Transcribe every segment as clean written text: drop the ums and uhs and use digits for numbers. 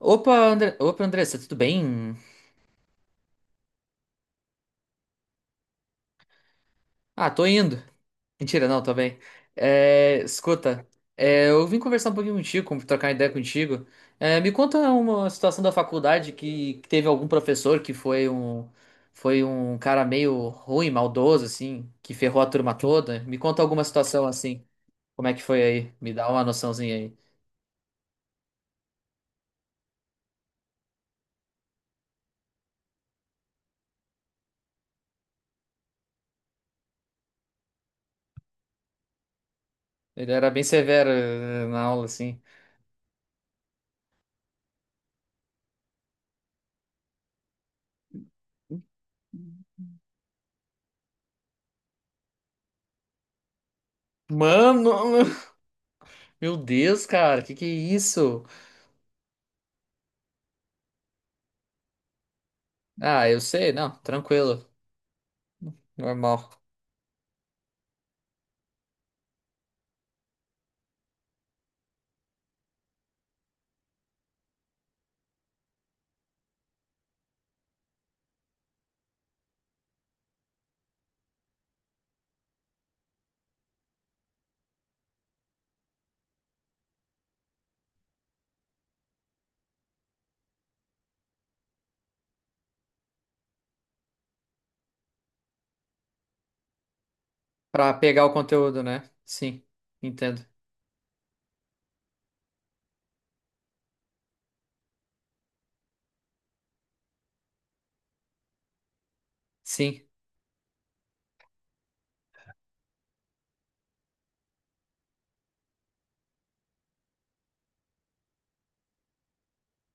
Opa, Andressa, tudo bem? Ah, tô indo. Mentira, não, tô bem. É, escuta, eu vim conversar um pouquinho contigo, trocar ideia contigo. É, me conta uma situação da faculdade que teve algum professor que foi um cara meio ruim, maldoso, assim, que ferrou a turma toda. Me conta alguma situação assim. Como é que foi aí? Me dá uma noçãozinha aí. Ele era bem severo na aula, assim. Mano, meu Deus, cara, que é isso? Ah, eu sei, não, tranquilo. Normal. Pra pegar o conteúdo, né? Sim, entendo. Sim,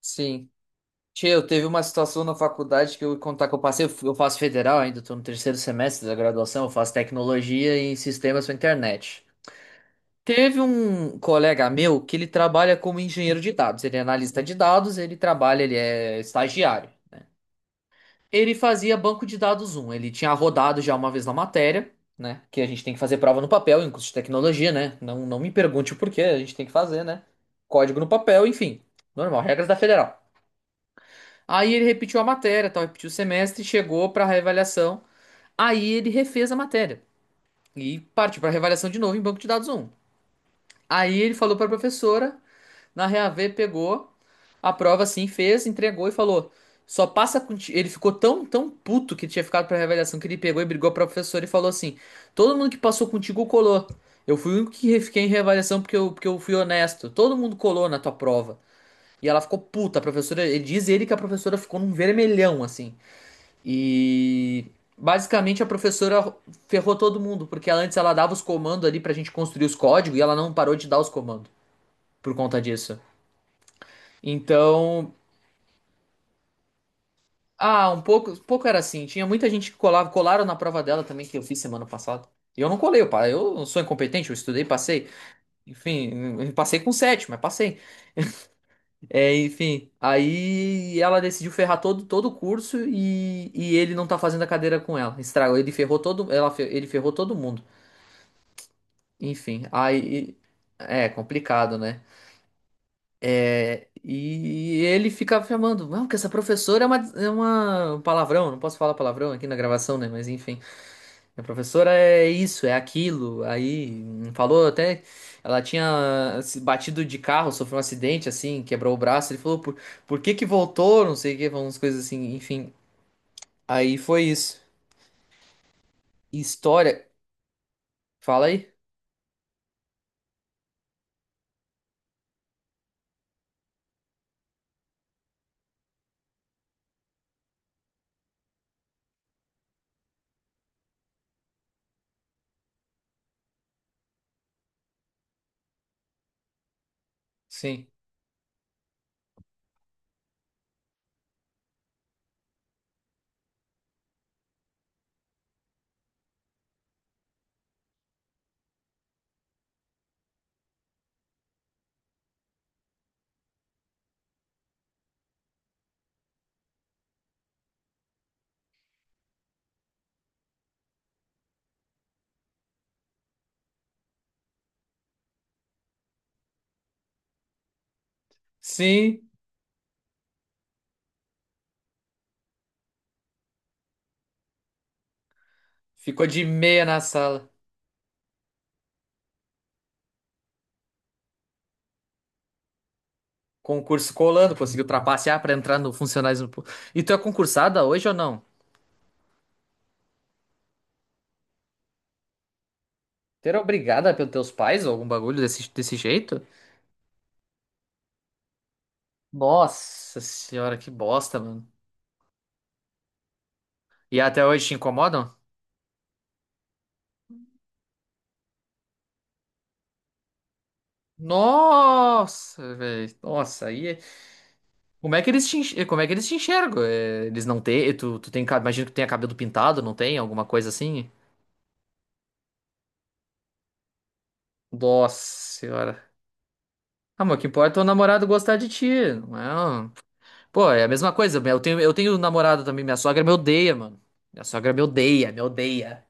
sim. Tchê, eu teve uma situação na faculdade que eu ia contar que eu passei, eu faço federal ainda, tô no terceiro semestre da graduação, eu faço tecnologia em sistemas para internet. Teve um colega meu que ele trabalha como engenheiro de dados, ele é analista de dados, ele trabalha, ele é estagiário. Ele fazia banco de dados um. Ele tinha rodado já uma vez na matéria, né? Que a gente tem que fazer prova no papel, em curso de tecnologia, né? Não, não me pergunte o porquê, a gente tem que fazer, né? Código no papel, enfim. Normal, regras da federal. Aí ele repetiu a matéria, tal, repetiu o semestre, chegou para reavaliação. Aí ele refez a matéria e partiu para reavaliação de novo em banco de dados um. Aí ele falou para a professora na Reavê, pegou a prova assim, fez, entregou e falou: "Só passa com ti-" ele ficou tão tão puto que tinha ficado pra reavaliação que ele pegou e brigou com o professor e falou assim: "Todo mundo que passou contigo colou. Eu fui o único que re- fiquei em reavaliação porque eu fui honesto. Todo mundo colou na tua prova." E ela ficou puta, a professora, ele diz ele que a professora ficou num vermelhão assim. E basicamente a professora ferrou todo mundo, porque ela antes ela dava os comandos ali pra gente construir os códigos e ela não parou de dar os comandos por conta disso. Então, ah, um pouco era assim. Tinha muita gente que colava, colaram na prova dela também que eu fiz semana passada. E eu não colei, eu, eu não sou incompetente, eu estudei, passei. Enfim, eu passei com sete, mas passei. É, enfim, aí ela decidiu ferrar todo o curso e ele não tá fazendo a cadeira com ela. Estragou, ele ferrou todo mundo. Enfim, aí é complicado, né? E ele ficava chamando, não, que essa professora é uma um palavrão, não posso falar palavrão aqui na gravação, né? Mas enfim, a professora é isso, é aquilo. Aí falou até, ela tinha se batido de carro, sofreu um acidente, assim, quebrou o braço. Ele falou, por que que voltou? Não sei o que, umas coisas assim, enfim. Aí foi isso. História, fala aí? Sim. Sim, ficou de meia na sala. Concurso colando, conseguiu trapacear pra entrar no funcionários. No pu- E tu é concursada hoje ou não? Ter obrigada pelos teus pais ou algum bagulho desse, desse jeito? Nossa senhora, que bosta, mano. E até hoje te incomodam? Nossa, velho. Nossa, aí. Como é que eles te enxergam? Eles não têm. Tu tem. Imagino que tenha cabelo pintado, não tem? Alguma coisa assim? Nossa senhora. Ah, mas o que importa é o namorado gostar de ti, não é? Pô, é a mesma coisa. Eu tenho namorada também. Minha sogra me odeia, mano. Minha sogra me odeia, me odeia.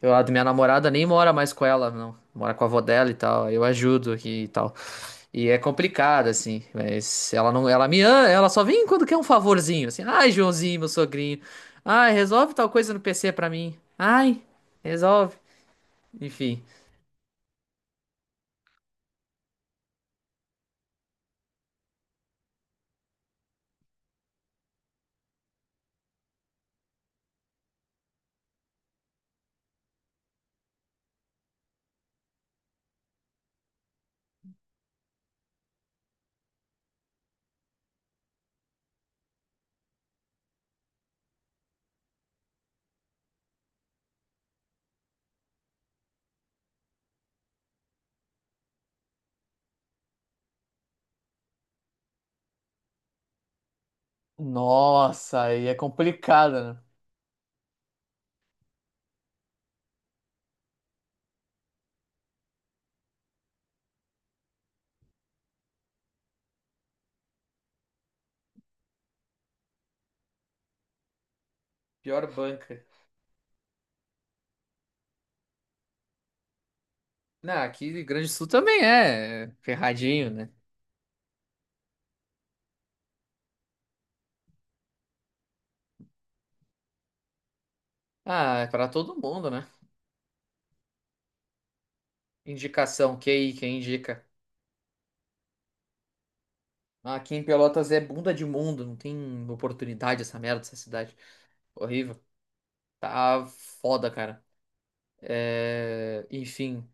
Eu, a minha namorada nem mora mais com ela, não. Mora com a avó dela e tal. Eu ajudo aqui e tal. E é complicado, assim. Mas ela não, ela me ama, ela só vem quando quer um favorzinho, assim. Ai, Joãozinho, meu sogrinho. Ai, resolve tal coisa no PC pra mim. Ai, resolve. Enfim. Nossa, aí é complicado, né? Pior banca. Não, aqui Grande Sul também é ferradinho, né? Ah, é pra todo mundo, né? Indicação, QI, quem indica? Ah, aqui em Pelotas é bunda de mundo, não tem oportunidade essa merda, essa cidade. Horrível. Tá foda, cara. É... enfim.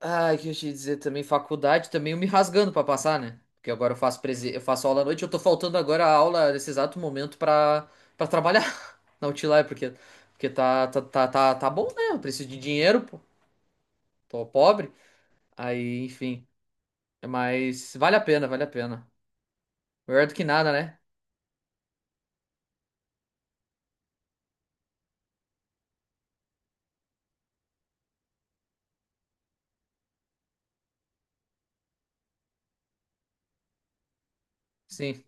Ah, o que eu ia te dizer também, faculdade também eu me rasgando pra passar, né? Porque agora eu faço aula à noite, eu tô faltando agora a aula nesse exato momento pra, pra trabalhar na Utilar, porque tá bom, né? Eu preciso de dinheiro, pô. Tô pobre. Aí, enfim. Mas vale a pena, vale a pena. Melhor do que nada, né? Sim.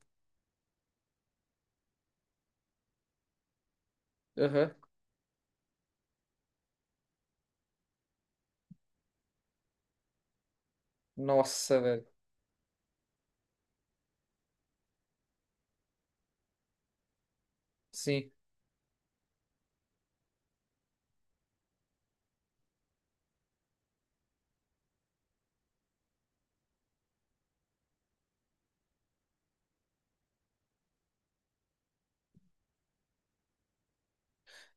Aham. Nossa, velho. Sim.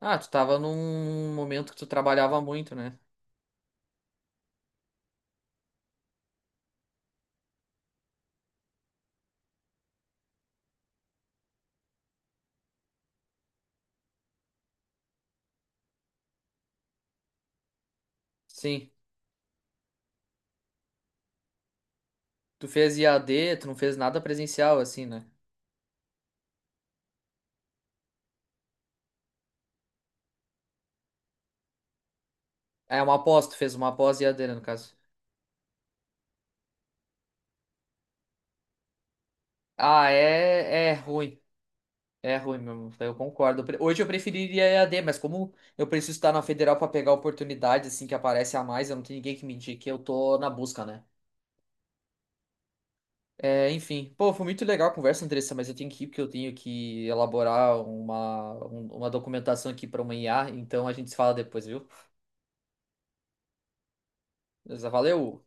Ah, tu tava num momento que tu trabalhava muito, né? Sim. Tu fez IAD, tu não fez nada presencial, assim, né? É uma pós, tu fez uma pós IAD, né, no caso. Ah, é, é ruim. É ruim mesmo, eu concordo. Hoje eu preferiria EAD, mas como eu preciso estar na federal pra pegar oportunidades assim que aparece a mais, eu não tenho ninguém que me indique, eu tô na busca, né? É, enfim, pô, foi muito legal a conversa, Andressa, mas eu tenho que ir porque eu tenho que elaborar uma documentação aqui para uma IA, então a gente se fala depois, viu? Beleza, valeu!